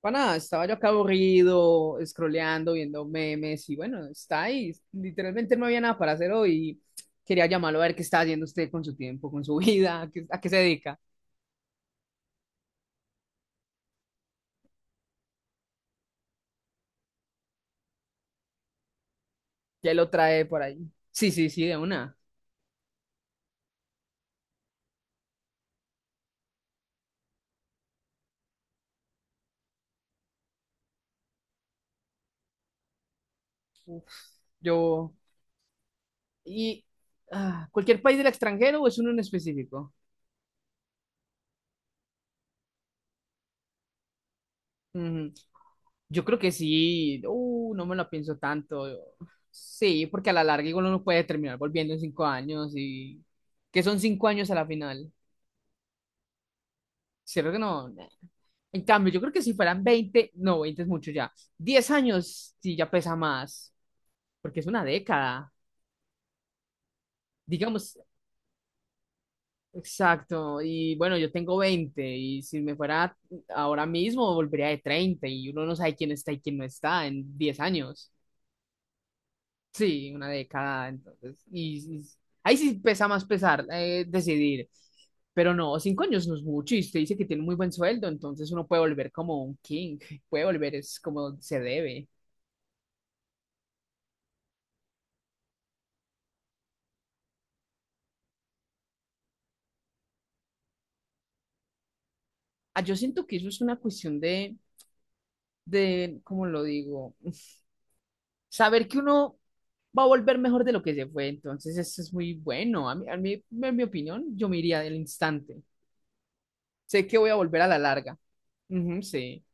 Para estaba yo acá aburrido, scrolleando, viendo memes y bueno, está ahí. Literalmente no había nada para hacer hoy. Quería llamarlo a ver qué está haciendo usted con su tiempo, con su vida, a qué se dedica. Ya lo trae por ahí. Sí, sí, sí, de una. Uf, yo. ¿Y Cualquier país del extranjero o es uno en específico? Ujú. Yo creo que sí. No me lo pienso tanto. Sí, porque a la larga igual uno puede terminar volviendo en 5 años y que son 5 años a la final. Cierto que no. En cambio, yo creo que si fueran 20 no, 20 es mucho ya. 10 años sí ya pesa más, porque es una década. Digamos, exacto. Y bueno, yo tengo 20 y si me fuera ahora mismo, volvería de 31, no sabe quién está y quién no está en 10 años. Sí, una década, entonces. Ahí sí pesa más pesar decidir. Pero no, 5 años no es mucho. Y usted dice que tiene un muy buen sueldo, entonces uno puede volver como un king, puede volver es como se debe. Ah, yo siento que eso es una cuestión ¿cómo lo digo? Saber que uno va a volver mejor de lo que se fue, entonces eso es muy bueno. A mí, en mi opinión, yo me iría del instante. Sé que voy a volver a la larga. Ujú, sí.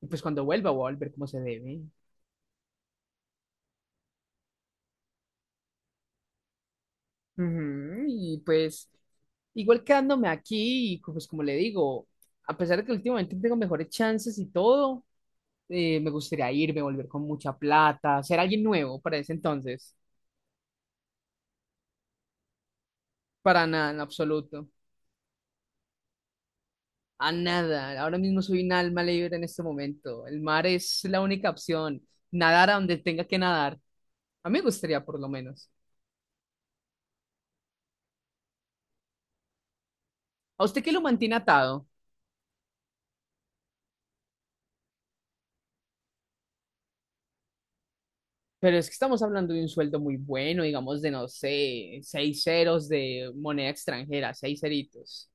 Y pues cuando vuelva, voy a volver como se debe. Ujú. Y pues, igual quedándome aquí, pues como le digo, a pesar de que últimamente tengo mejores chances y todo, me gustaría irme, volver con mucha plata, ser alguien nuevo para ese entonces. Para nada, en absoluto. A nada. Ahora mismo soy un alma libre en este momento. El mar es la única opción. Nadar a donde tenga que nadar. A mí me gustaría, por lo menos. ¿A usted qué lo mantiene atado? Pero es que estamos hablando de un sueldo muy bueno, digamos de, no sé, seis ceros de moneda extranjera, seis ceritos.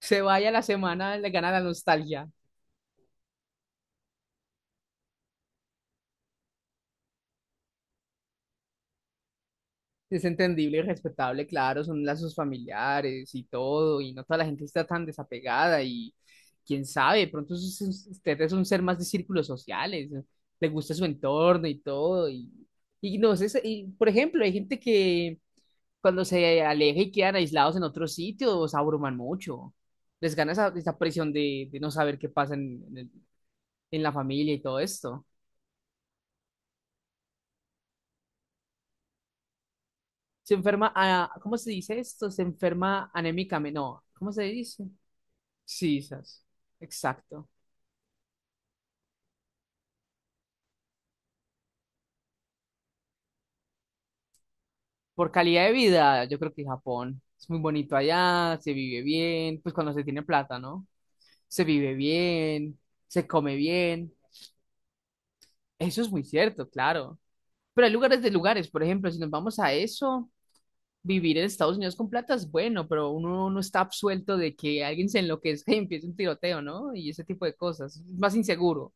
Se vaya la semana, le gana la nostalgia. Es entendible y respetable, claro, son lazos familiares y todo, y no toda la gente está tan desapegada y quién sabe, de pronto usted es un ser más de círculos sociales, le gusta su entorno y todo, y no sé, y, por ejemplo, hay gente que cuando se aleja y quedan aislados en otros sitios, abruman mucho. Les gana esa presión de no saber qué pasa en la familia y todo esto. Se enferma, ah, ¿cómo se dice esto? Se enferma anémicamente, no, ¿cómo se dice? Sí, sas. Exacto. Por calidad de vida, yo creo que Japón es muy bonito allá, se vive bien, pues cuando se tiene plata, ¿no? Se vive bien, se come bien. Eso es muy cierto, claro. Pero hay lugares de lugares, por ejemplo, si nos vamos a eso. Vivir en Estados Unidos con plata es bueno, pero uno no está absuelto de que alguien se enloquezca y empiece un tiroteo, ¿no? Y ese tipo de cosas. Es más inseguro.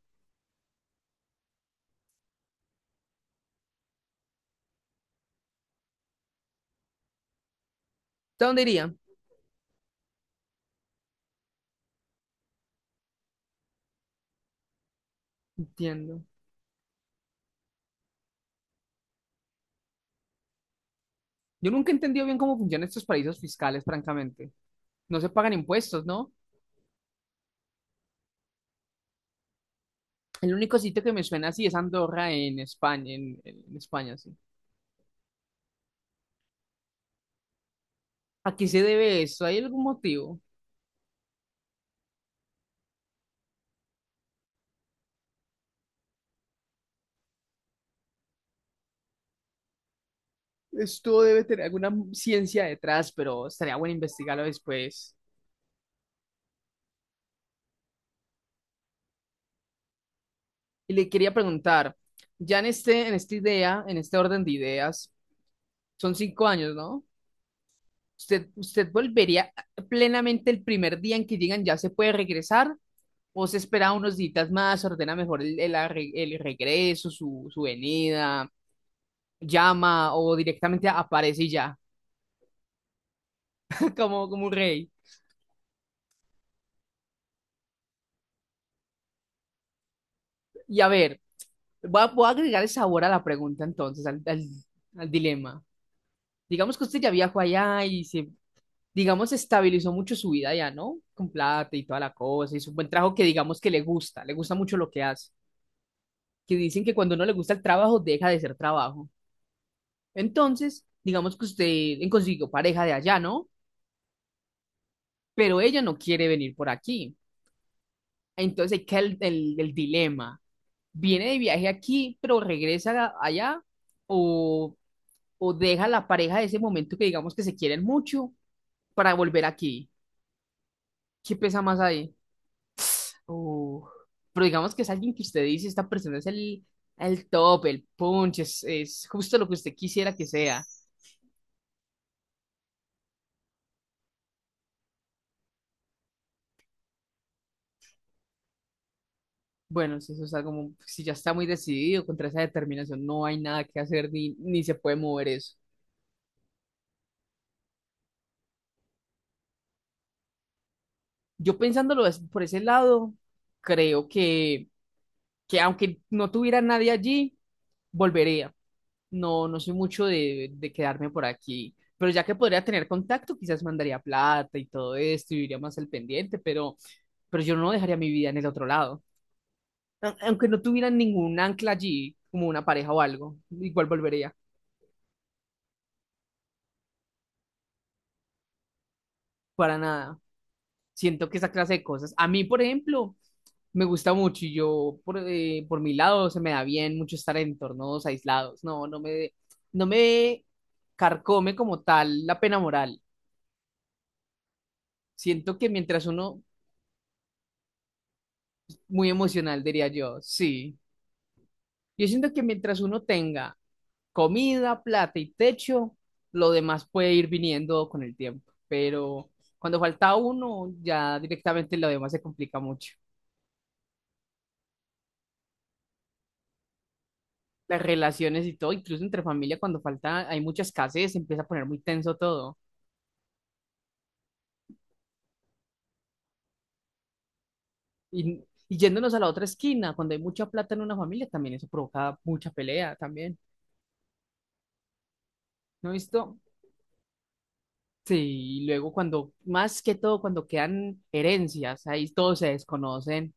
¿De dónde iría? Entiendo. Yo nunca he entendido bien cómo funcionan estos paraísos fiscales, francamente. No se pagan impuestos, ¿no? El único sitio que me suena así es Andorra en España, en España, sí. ¿A qué se debe eso? ¿Hay algún motivo? Esto debe tener alguna ciencia detrás, pero estaría bueno investigarlo después. Y le quería preguntar, ya en este, en esta idea, en este orden de ideas, son 5 años, ¿no? ¿Usted volvería plenamente el primer día en que llegan, ya se puede regresar? ¿O se espera unos días más, ordena mejor el regreso, su venida, llama o directamente aparece y ya, como un rey? Y a ver, voy a agregar el sabor a la pregunta entonces, al dilema. Digamos que usted ya viajó allá y se digamos, estabilizó mucho su vida ya, ¿no? Con plata y toda la cosa, hizo un buen trabajo que digamos que le gusta mucho lo que hace, que dicen que cuando no le gusta el trabajo, deja de ser trabajo. Entonces, digamos que usted consiguió pareja de allá, ¿no? Pero ella no quiere venir por aquí. Entonces, ahí queda el dilema. ¿Viene de viaje aquí, pero regresa a- allá? ¿O, o deja la pareja de ese momento que digamos que se quieren mucho para volver aquí? ¿Qué pesa más ahí? Uh, pero digamos que es alguien que usted dice, esta persona es el top, el punch, es justo lo que usted quisiera que sea. Bueno, si eso está como, si ya está muy decidido contra esa determinación, no hay nada que hacer ni se puede mover eso. Yo pensándolo es- por ese lado, creo que aunque no tuviera nadie allí, volvería. No, no soy mucho de quedarme por aquí, pero ya que podría tener contacto, quizás mandaría plata y todo esto y iría más al pendiente, pero yo no dejaría mi vida en el otro lado. Aunque no tuviera ningún ancla allí, como una pareja o algo, igual volvería, para nada. Siento que esa clase de cosas, a mí, por ejemplo, me gusta mucho y yo, por mi lado, se me da bien mucho estar en entornos aislados. No, no me carcome como tal la pena moral. Siento que mientras uno muy emocional, diría yo, sí. Yo siento que mientras uno tenga comida, plata y techo, lo demás puede ir viniendo con el tiempo. Pero cuando falta uno, ya directamente lo demás se complica mucho. Las relaciones y todo, incluso entre familia, cuando falta, hay mucha escasez, se empieza a poner muy tenso todo. Y, y yéndonos a la otra esquina, cuando hay mucha plata en una familia, también eso provoca mucha pelea también. ¿No he visto? Sí, y luego cuando, más que todo, cuando quedan herencias, ahí todos se desconocen.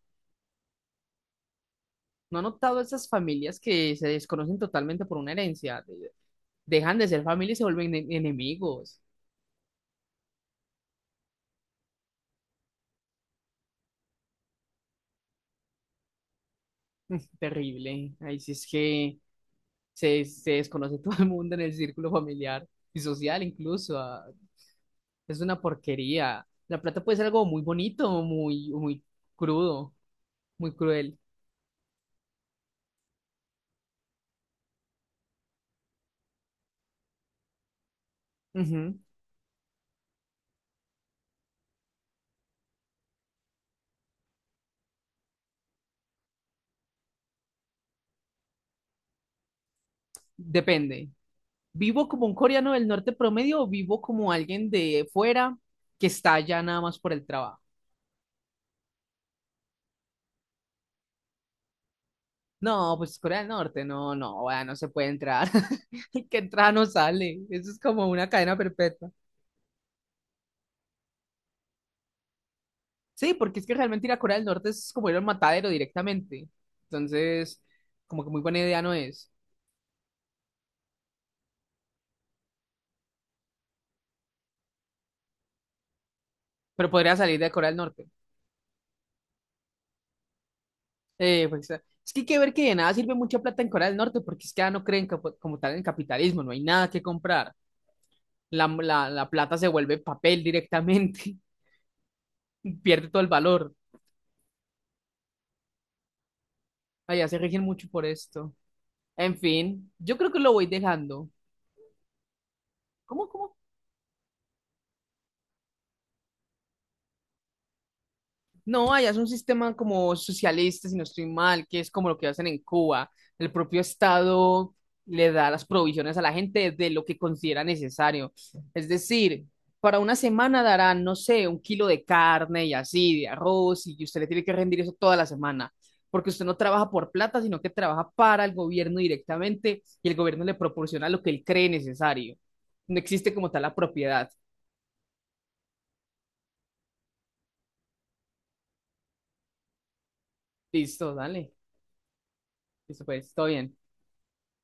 ¿No han notado esas familias que se desconocen totalmente por una herencia? Dejan de ser familia y se vuelven enemigos. Terrible. Ahí sí es que se desconoce todo el mundo en el círculo familiar y social incluso. Es una porquería. La plata puede ser algo muy bonito, muy, muy crudo, muy cruel. Ujú. Depende. ¿Vivo como un coreano del norte promedio o vivo como alguien de fuera que está allá nada más por el trabajo? No, pues Corea del Norte, no, no, vea, no se puede entrar. El que entra no sale. Eso es como una cadena perpetua. Sí, porque es que realmente ir a Corea del Norte es como ir al matadero directamente. Entonces, como que muy buena idea no es. Pero podría salir de Corea del Norte. Pues, es que hay que ver que de nada sirve mucha plata en Corea del Norte porque es que ya no creen como tal en el capitalismo, no hay nada que comprar. La plata se vuelve papel directamente, pierde todo el valor. Allá se rigen mucho por esto. En fin, yo creo que lo voy dejando. ¿Cómo, cómo? No, allá es un sistema como socialista, si no estoy mal, que es como lo que hacen en Cuba. El propio Estado le da las provisiones a la gente de lo que considera necesario. Es decir, para una semana darán, no sé, un kilo de carne y así, de arroz, y usted le tiene que rendir eso toda la semana, porque usted no trabaja por plata, sino que trabaja para el gobierno directamente y el gobierno le proporciona lo que él cree necesario. No existe como tal la propiedad. Listo, dale. Listo, pues, todo bien.